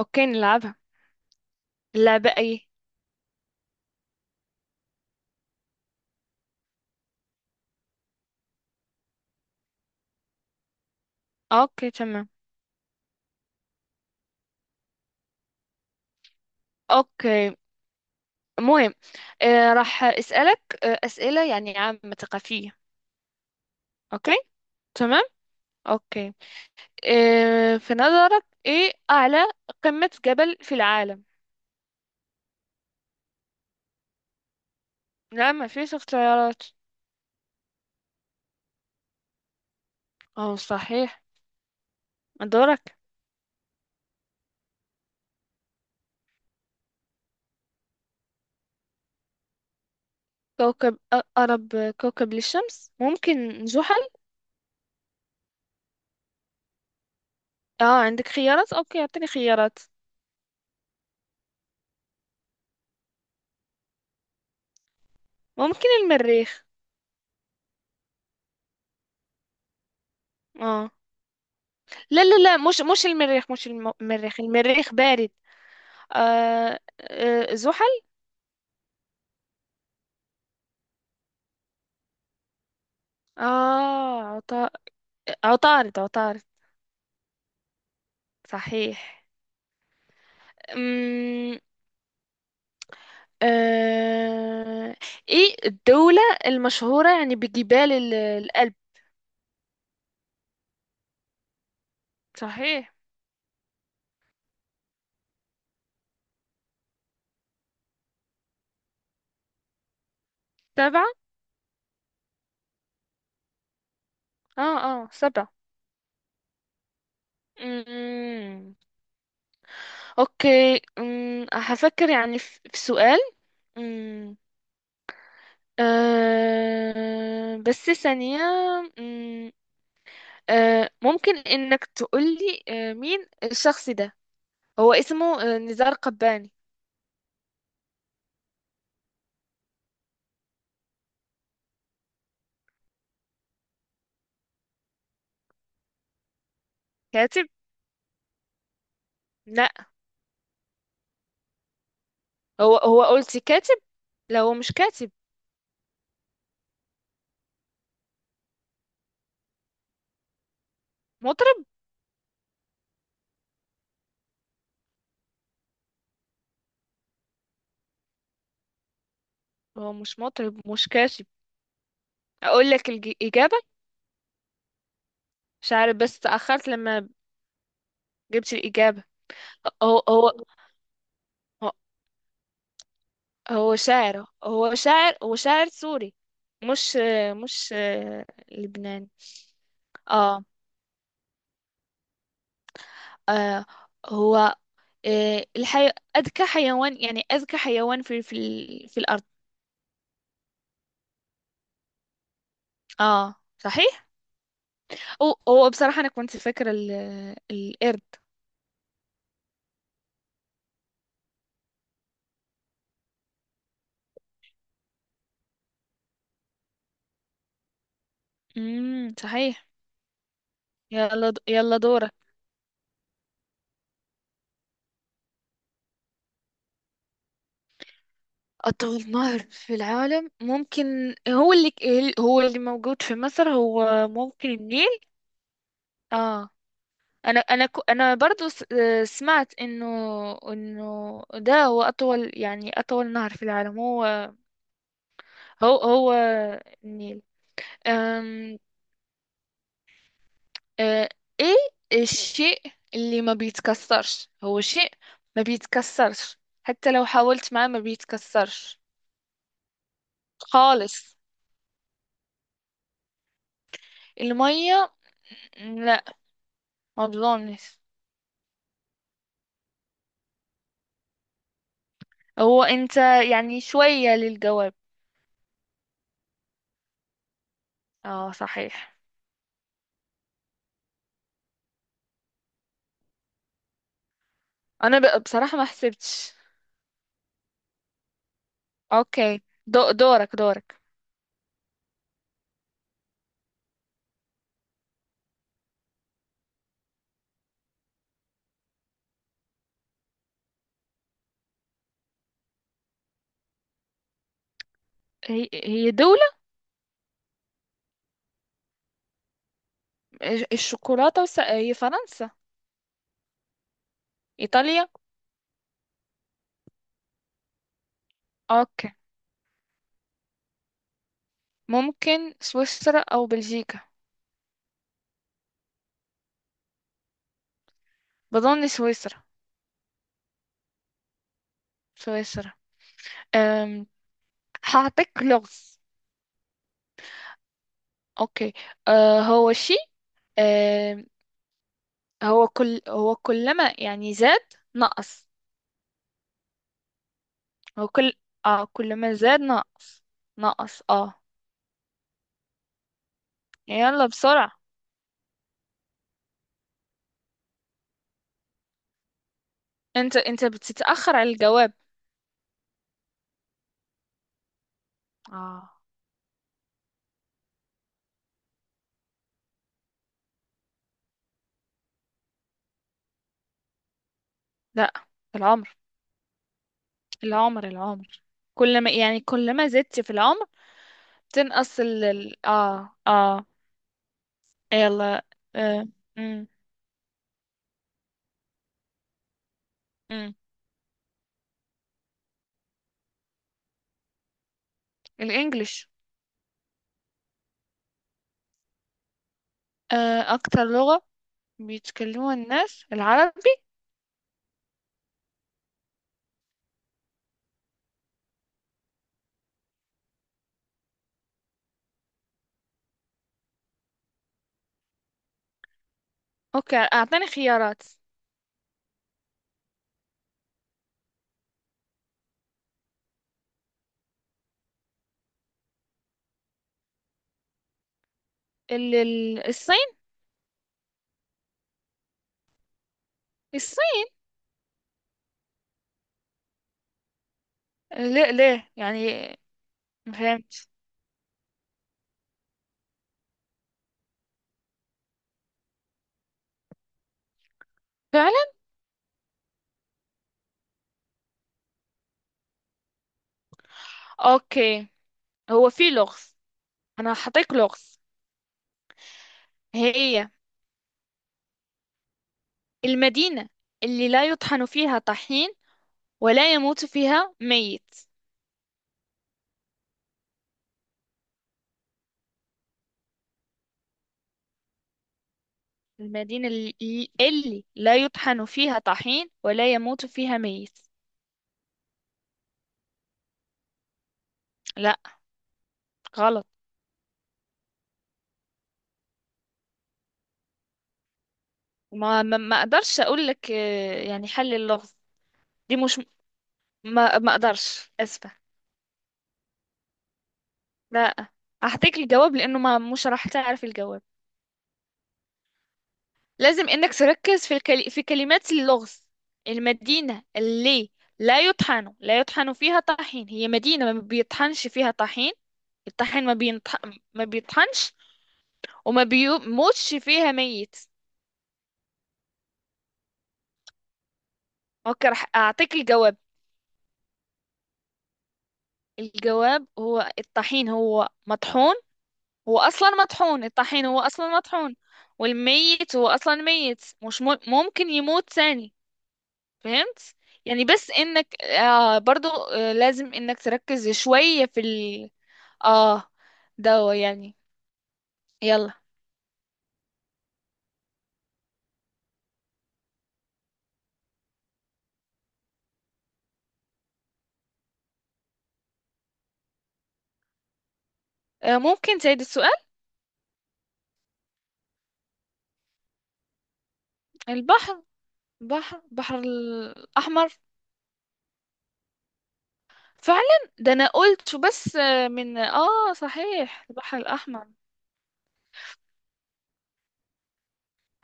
اوكي نلعبها. اللعبة ايه؟ اوكي تمام. اوكي. مهم. راح اسألك اسئلة يعني عامة ثقافية. اوكي تمام. اوكي. في نظرك ايه اعلى قمة جبل في العالم؟ لا ما فيش اختيارات. اه صحيح. دورك. اقرب كوكب للشمس ممكن زحل. اه عندك خيارات. اوكي اعطيني خيارات. ممكن المريخ. اه، لا لا لا، مش المريخ، مش الم- المريخ، المريخ بارد. آه زحل. اه عطا... عطارد، عطارد. صحيح. أمم، آه... ايه الدولة المشهورة يعني الألب؟ صحيح. سبعة. اه اه سبعة. أمم، اوكي. هفكر يعني في سؤال. أمم، بس ثانية. أمم، ممكن انك تقولي مين الشخص ده؟ هو اسمه نزار قباني. كاتب؟ لا. هو قلت كاتب، لا هو مش كاتب. مطرب. هو مش مطرب، مش كاتب. اقول لك الاجابه. مش عارف بس تاخرت لما جبت الاجابه. هو هو هو هو شاعر، هو شاعر سوري. مش آه، مش آه، لبناني. اه. آه، هو آه، الحي... اذكى حيوان، يعني اذكى حيوان في الارض. اه صحيح. أو هو بصراحة أنا كنت فاكرة القرد. صحيح. يلا دورك. أطول نهر في العالم ممكن هو هو اللي موجود في مصر، هو ممكن النيل. اه. أنا برضو سمعت إنه، إنه ده هو أطول، يعني أطول نهر في العالم هو، هو النيل. آه، ايه الشيء اللي ما بيتكسرش؟ هو شيء ما بيتكسرش حتى لو حاولت معاه ما بيتكسرش خالص. المية، لا ما بظنش. هو انت يعني شوية للجواب. اه صحيح. انا بصراحة ما حسبتش. اوكي دورك، دورك. هي هي دولة الشوكولاتة هي فرنسا. ايطاليا. اوكي. ممكن سويسرا او بلجيكا. بظن سويسرا. سويسرا. أم، هعطيك لغز. اوكي. هو شيء، آه هو كل، هو كلما يعني زاد نقص. هو كل، اه كلما زاد نقص، نقص اه. يلا بسرعة. انت بتتأخر على الجواب. اه لا، العمر العمر. كلما يعني كلما زدت في العمر تنقص اه اه. يلا. آه. مم. مم. الانجليش. اكتر لغة بيتكلموها الناس العرب. اوكي اعطيني خيارات. الصين. الصين. ليه ليه يعني؟ ما فهمت. فعلا. اوكي. هو في لغز، انا حطيت لغز. هي المدينة اللي لا يطحن فيها طحين ولا يموت فيها ميت. المدينة اللي، اللي لا يطحن فيها طحين ولا يموت فيها ميت. لا غلط. ما اقدرش اقول لك يعني حل اللغز، دي مش، ما ما اقدرش، اسفة. لا. هعطيك الجواب لأنه ما مش راح تعرف الجواب. لازم إنك تركز في في كلمات اللغز. المدينة اللي لا يطحن فيها طحين، هي مدينة ما بيطحنش فيها طحين. الطحين ما بينطح... ما بيطحنش، وما بيموتش فيها ميت. اوكي راح أعطيك الجواب. الجواب هو الطحين هو مطحون، هو أصلا مطحون، الطحين هو أصلا مطحون. والميت هو أصلا ميت، مش م... ممكن يموت ثاني. فهمت يعني؟ بس انك آه برضو آه لازم انك تركز شوية في ال، اه ده يعني. يلا. آه ممكن تعيد السؤال؟ البحر، بحر الأحمر. فعلا ده انا قلت بس آه من اه صحيح البحر الأحمر.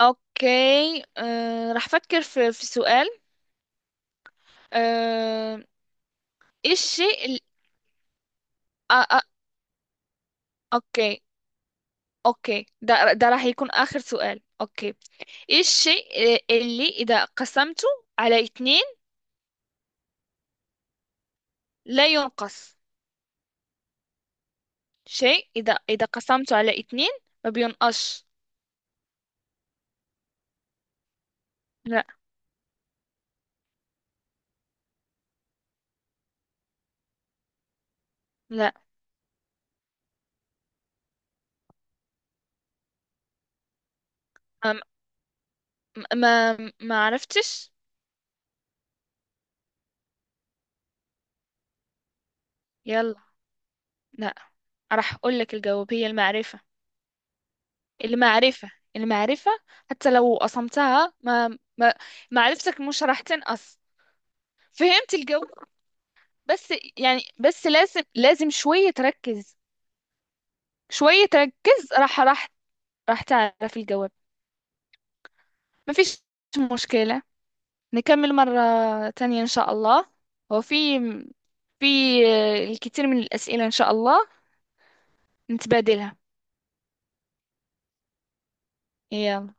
اوكي. راح افكر في سؤال. آه ايه الشيء ال... آه آه اوكي. اوكي ده، ده راح يكون آخر سؤال، اوكي. ايه الشيء اللي إذا قسمته على اتنين لا ينقص؟ شيء إذا قسمته على اتنين ما بينقصش. لا. لا. ما ما, ما عرفتش. يلا. لا. راح أقول لك الجواب، هي المعرفة المعرفة. حتى لو قسمتها ما، معرفتك مش راح تنقص. فهمت الجو بس. يعني بس لازم، لازم شوية تركز، شوية تركز، راح راح تعرف الجواب. مفيش مشكلة، نكمل مرة تانية إن شاء الله، وفي في الكثير من الأسئلة إن شاء الله نتبادلها. يلا.